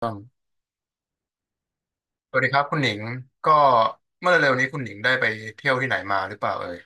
ต้องสวัสดีครับคุณหนิงก็เมื่อเร็วๆนี้คุณหนิงได้ไปเที่ยวที่ไหนมาหรือเปล่าเอ่ย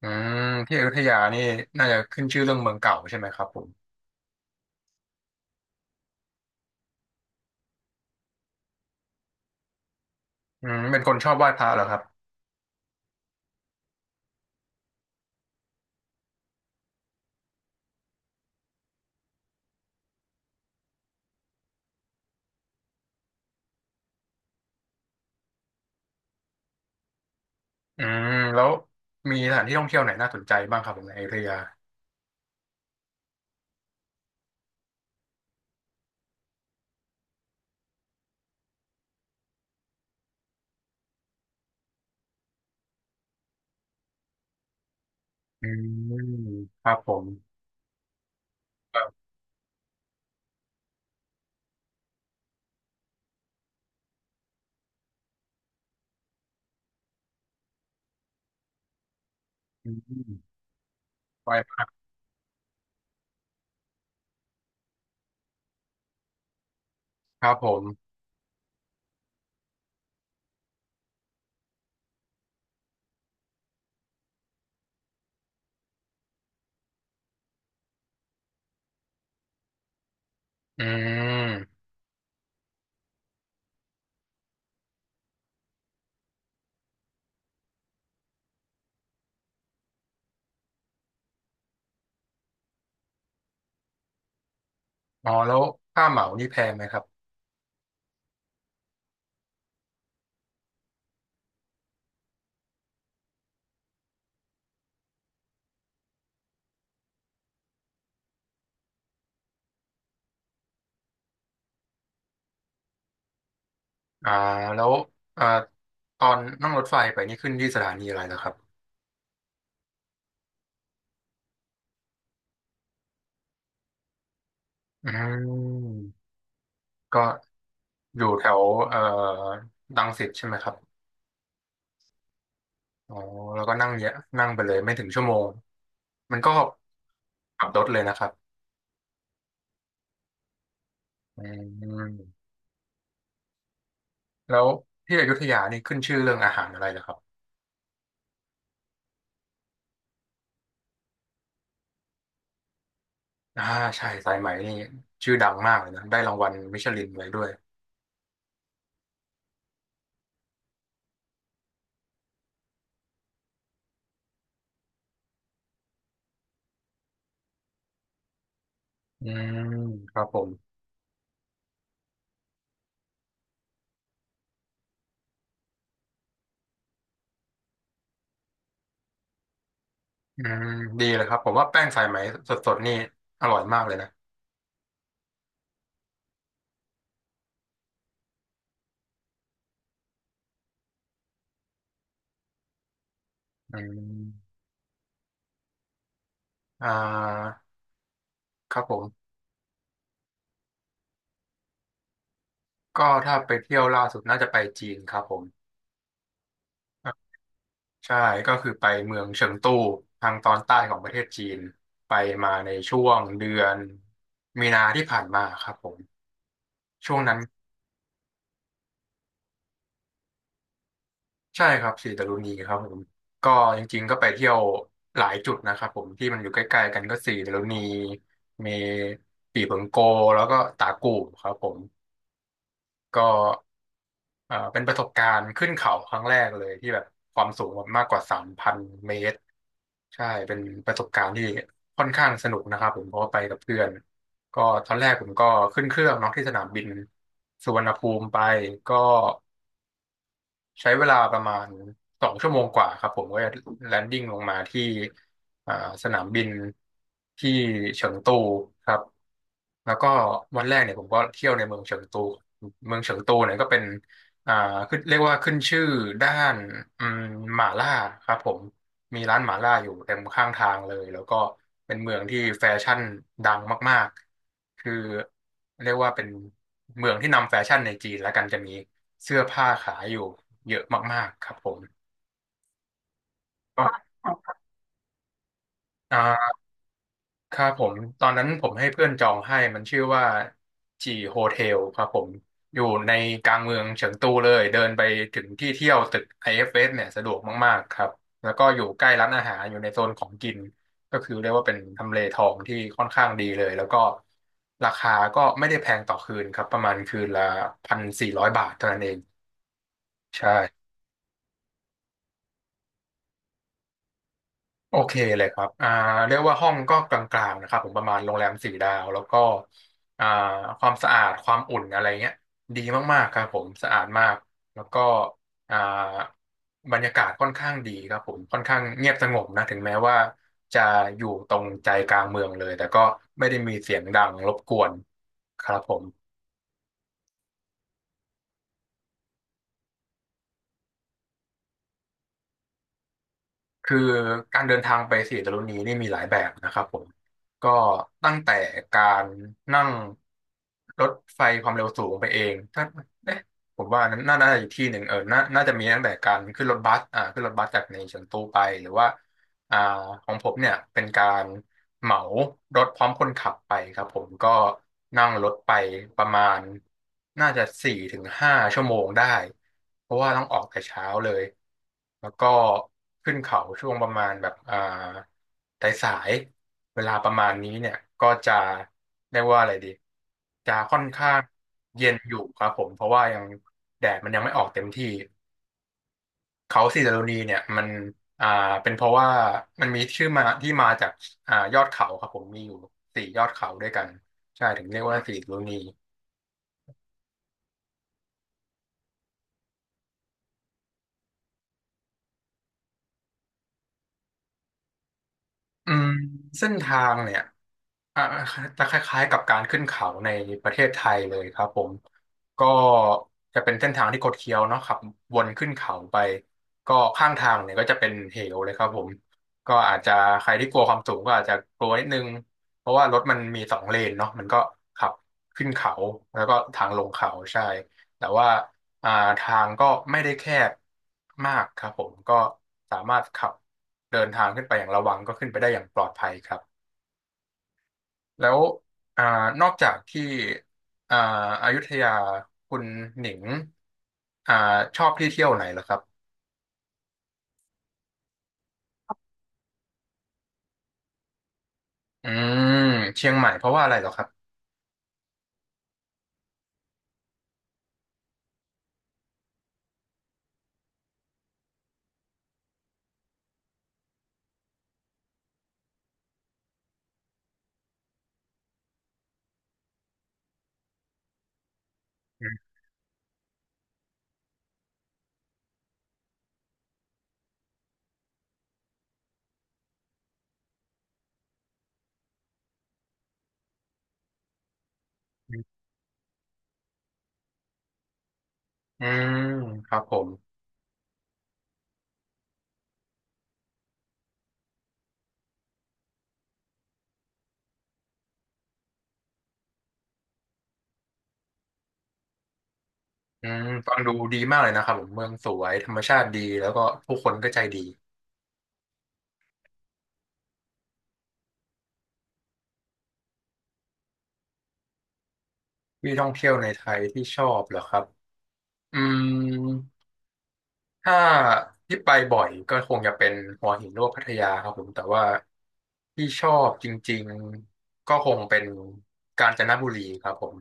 อืมที่อยุธยานี่น่าจะขึ้นชื่อเรื่องเมืองเก่าใช่ไหมครับผมอืมเป็นคนชอบไหว้พระเหรอครับอืมแล้วมีสถานที่ท่องเที่ยวไหนน่าสนใจบ้างครับผมในอยุธยาอืมครับผมครับอืมไหว้พระครับผมอืมอ๋อแล้วค่าเหมานี่แพงไหมครับอ่าแล้วอ่าตอนนั่งรถไฟไปนี่ขึ้นที่สถานีอะไรเหรอครับอืมก็ อยู่แถวเอ่อรังสิตใช่ไหมครับอ๋อแล้วก็นั่งเยอะนั่งไปเลยไม่ถึงชั่วโมงมันก็ขับรถเลยนะครับอืมแล้วที่อยุธยานี่ขึ้นชื่อเรื่องอาหารอะไรนะครับอ่าใช่สายไหมนี่ชื่อดังมากเลยนะได้รางวัลมิชลินอะไว้ด้วยอืมครับผมอืมดีเลยครับผมว่าแป้งสายไหมสดๆนี่อร่อยมากเลยนะอืมอ่าครับผมก็ถ้าไปเที่ยวล่าสุดน่าจะไปจีนครับผม ใช่ก็คือไปเมืองเฉิงตูทางตอนใต้ของประเทศจีนไปมาในช่วงเดือนมีนาที่ผ่านมาครับผมช่วงนั้นใช่ครับสีตะลุนีครับผมก็จริงๆก็ไปเที่ยวหลายจุดนะครับผมที่มันอยู่ใกล้ๆกันก็สีตะลุนีมีปี่เผิงโกแล้วก็ตากูบครับผมก็เป็นประสบการณ์ขึ้นเขาครั้งแรกเลยที่แบบความสูงแบบมากกว่า3,000เมตร ใช่เป็นประสบการณ์ที่ค่อนข้างสนุกนะครับผมเพราะว่าไปกับเพื่อนก็ตอนแรกผมก็ขึ้นเครื่องเนาะที่สนามบินสุวรรณภูมิไปก็ ใช้เวลาประมาณ2 ชั่วโมงกว่าครับผมก็จะแลนดิ้งลงมาที่อ่าสนามบินที่เฉิงตูครับแล้วก็วันแรกเนี่ยผมก็เที่ยวในเมืองเฉิงตูเมืองเฉิงตูเนี่ยก็เป็นอ่าขึ้นเรียกว่าขึ้นชื่อด้านอืมหม่าล่าครับผมมีร้านหม่าล่าอยู่เต็มข้างทางเลยแล้วก็เป็นเมืองที่แฟชั่นดังมากๆคือเรียกว่าเป็นเมืองที่นำแฟชั่นในจีนแล้วกันจะมี เสื้อผ้าขายอยู่เยอะมากๆครับผมก็อ่าครับผมตอนนั้นผมให้เพื่อนจองให้มันชื่อว่าจีโฮเทลครับผมอยู่ในกลางเมืองเฉิงตูเลยเดินไปถึงที่เที่ยวตึก IFS เอฟเอสเนี่ยสะดวกมากๆครับแล้วก็อยู่ใกล้ร้านอาหารอยู่ในโซนของกินก็คือเรียกว่าเป็นทำเลทองที่ค่อนข้างดีเลยแล้วก็ราคาก็ไม่ได้แพงต่อคืนครับประมาณคืนละ1,400 บาทเท่านั้นเองใช่ โอเคเลยครับเรียกว่าห้องก็กลางๆนะครับผมประมาณโรงแรมสี่ดาวแล้วก็อ่าความสะอาดความอุ่นอะไรเงี้ยดีมากๆครับผมสะอาดมากแล้วก็อ่าบรรยากาศค่อนข้างดีครับผมค่อนข้างเงียบสงบนะถึงแม้ว่าจะอยู่ตรงใจกลางเมืองเลยแต่ก็ไม่ได้มีเสียงดังรบกวนครับผม คือการเดินทางไปสี่ตะลุนีนี่มีหลายแบบนะครับผมก็ตั้งแต่การนั่งรถไฟความเร็วสูงไปเองถ้าเอ๊ะผมว่านั้นน่าจะอีกที่หนึ่งเออน่าจะมีตั้งแต่การขึ้นรถบัสขึ้นรถบัสจากในเฉิงตูไปหรือว่าอ่าของผมเนี่ยเป็นการ เหมารถพร้อมคนขับไปครับผมก็นั่งรถไปประมาณน่าจะ4-5 ชั่วโมงได้เพราะว่าต้องออกแต่เช้าเลยแล้วก็ขึ้นเขาช่วงประมาณแบบสายเวลาประมาณนี้เนี่ยก็จะเรียกว่าอะไรดีจะค่อนข้างเย็นอยู่ครับผมเพราะว่ายังแดดมันยังไม่ออกเต็มที่ เขาสีดารุณีเนี่ยมันอ่าเป็นเพราะว่ามันมีชื่อมาที่มาจากยอดเขาครับผมมีอยู่สี่ยอดเขาด้วยกันใช่ถึงเรียกว่าสีดารุณีอืมเส้นทางเนี่ย อ่าจะคล้ายๆกับการขึ้นเขาในประเทศไทยเลยครับผมก็จะเป็นเส้นทางที่คดเคี้ยวเนาะขับวนขึ้นเขาไปก็ข้างทางเนี่ยก็จะเป็นเหวเลยครับผมก็อาจจะใครที่กลัวความสูงก็อาจจะกลัวนิดนึงเพราะว่ารถมันมีสองเลนเนาะมันก็ขับขึ้นเขาแล้วก็ทางลงเขาใช่แต่ว่าอ่าทางก็ไม่ได้แคบมากครับผมก็สามารถขับเดินทางขึ้นไปอย่างระวังก็ขึ้นไปได้อย่างปลอดภัยครับ แล้วอ่านอกจากที่อ่าอยุธยาคุณหนิงอ่าชอบที่เที่ยวไหนเหรอครับอืมเชียงใหม่เพราะว่าอะไรเหรอครับอืมอืมครับผมอืมฟังดูดีมากเลยนะครับผมเมืองสวยธรรมชาติดีแล้วก็ผู้คนก็ใจดีที่ท่องเที่ยวในไทยที่ชอบเหรอครับอืม ถ้าที่ไปบ่อยก็คงจะเป็นหัวหินหรือว่าพัทยาครับผมแต่ว่าที่ชอบจริงๆก็คงเป็นกาญจนบุรีครับผม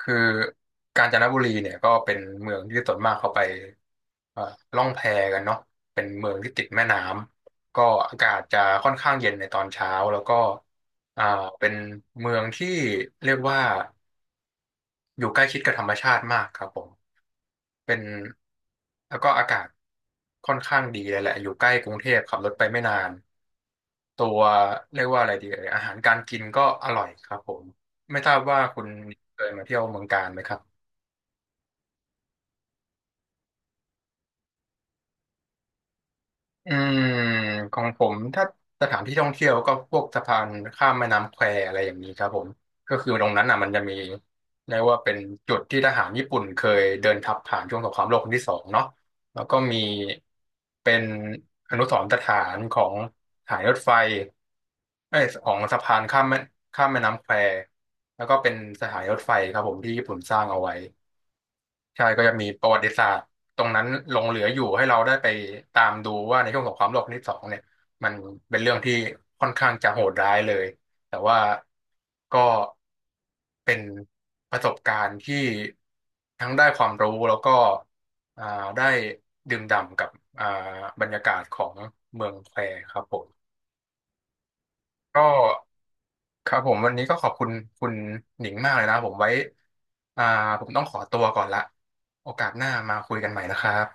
คือกาญจนบุรีเนี่ยก็เป็นเมืองที่ส่วนมากเขาไปเอ่อล่องแพกันเนาะเป็นเมืองที่ติดแม่น้ำก็อากาศจะค่อนข้างเย็นในตอนเช้าแล้วก็อ่าเป็นเมืองที่เรียกว่าอยู่ใกล้ชิดกับธรรมชาติมากครับผม เป็นแล้วก็อากาศค่อนข้างดีเลยแหละอยู่ใกล้กรุงเทพขับรถไปไม่นานตัวเรียกว่าอะไรดีเอ่ยอาหารการกินก็อร่อยครับผมไม่ทราบว่าคุณเคยมาเที่ยวเมืองกาญไหมครับ อืมของผมถ้าสถานที่ท่องเที่ยวก็พวกสะพานข้ามแม่น้ำแควอะไรอย่างนี้ครับผมก็คือตรงนั้นอ่ะมันจะมีเรียกว่าเป็นจุดที่ทหารญี่ปุ่นเคยเดินทัพผ่านช่วงสงครามโลกครั้งที่สองเนาะแล้วก็มีเป็นอนุสรณ์สถานของสถายรถไฟเอ้ยของสะพานข้ามแม่น้ำแควแล้วก็เป็นสถานีรถไฟครับผมที่ญี่ปุ่นสร้างเอาไว้ ใช่ก็จะมีประวัติศาสตร์ตรงนั้นหลงเหลืออยู่ให้เราได้ไปตามดูว่าในช่วงสงครามโลกครั้งที่สองเนี่ยมันเป็นเรื่องที่ค่อนข้างจะโหดร้ายเลยแต่ว่าก็เป็นประสบการณ์ที่ทั้งได้ความรู้แล้วก็อ่าได้ดื่มด่ำกับอ่าบรรยากาศของเมืองแควครับผมก็ครับผมวันนี้ก็ขอบคุณคุณหนิงมากเลยนะผมไว้อ่าผมต้องขอตัวก่อนละโอกาสหน้ามาคุยกันใหม่นะครับ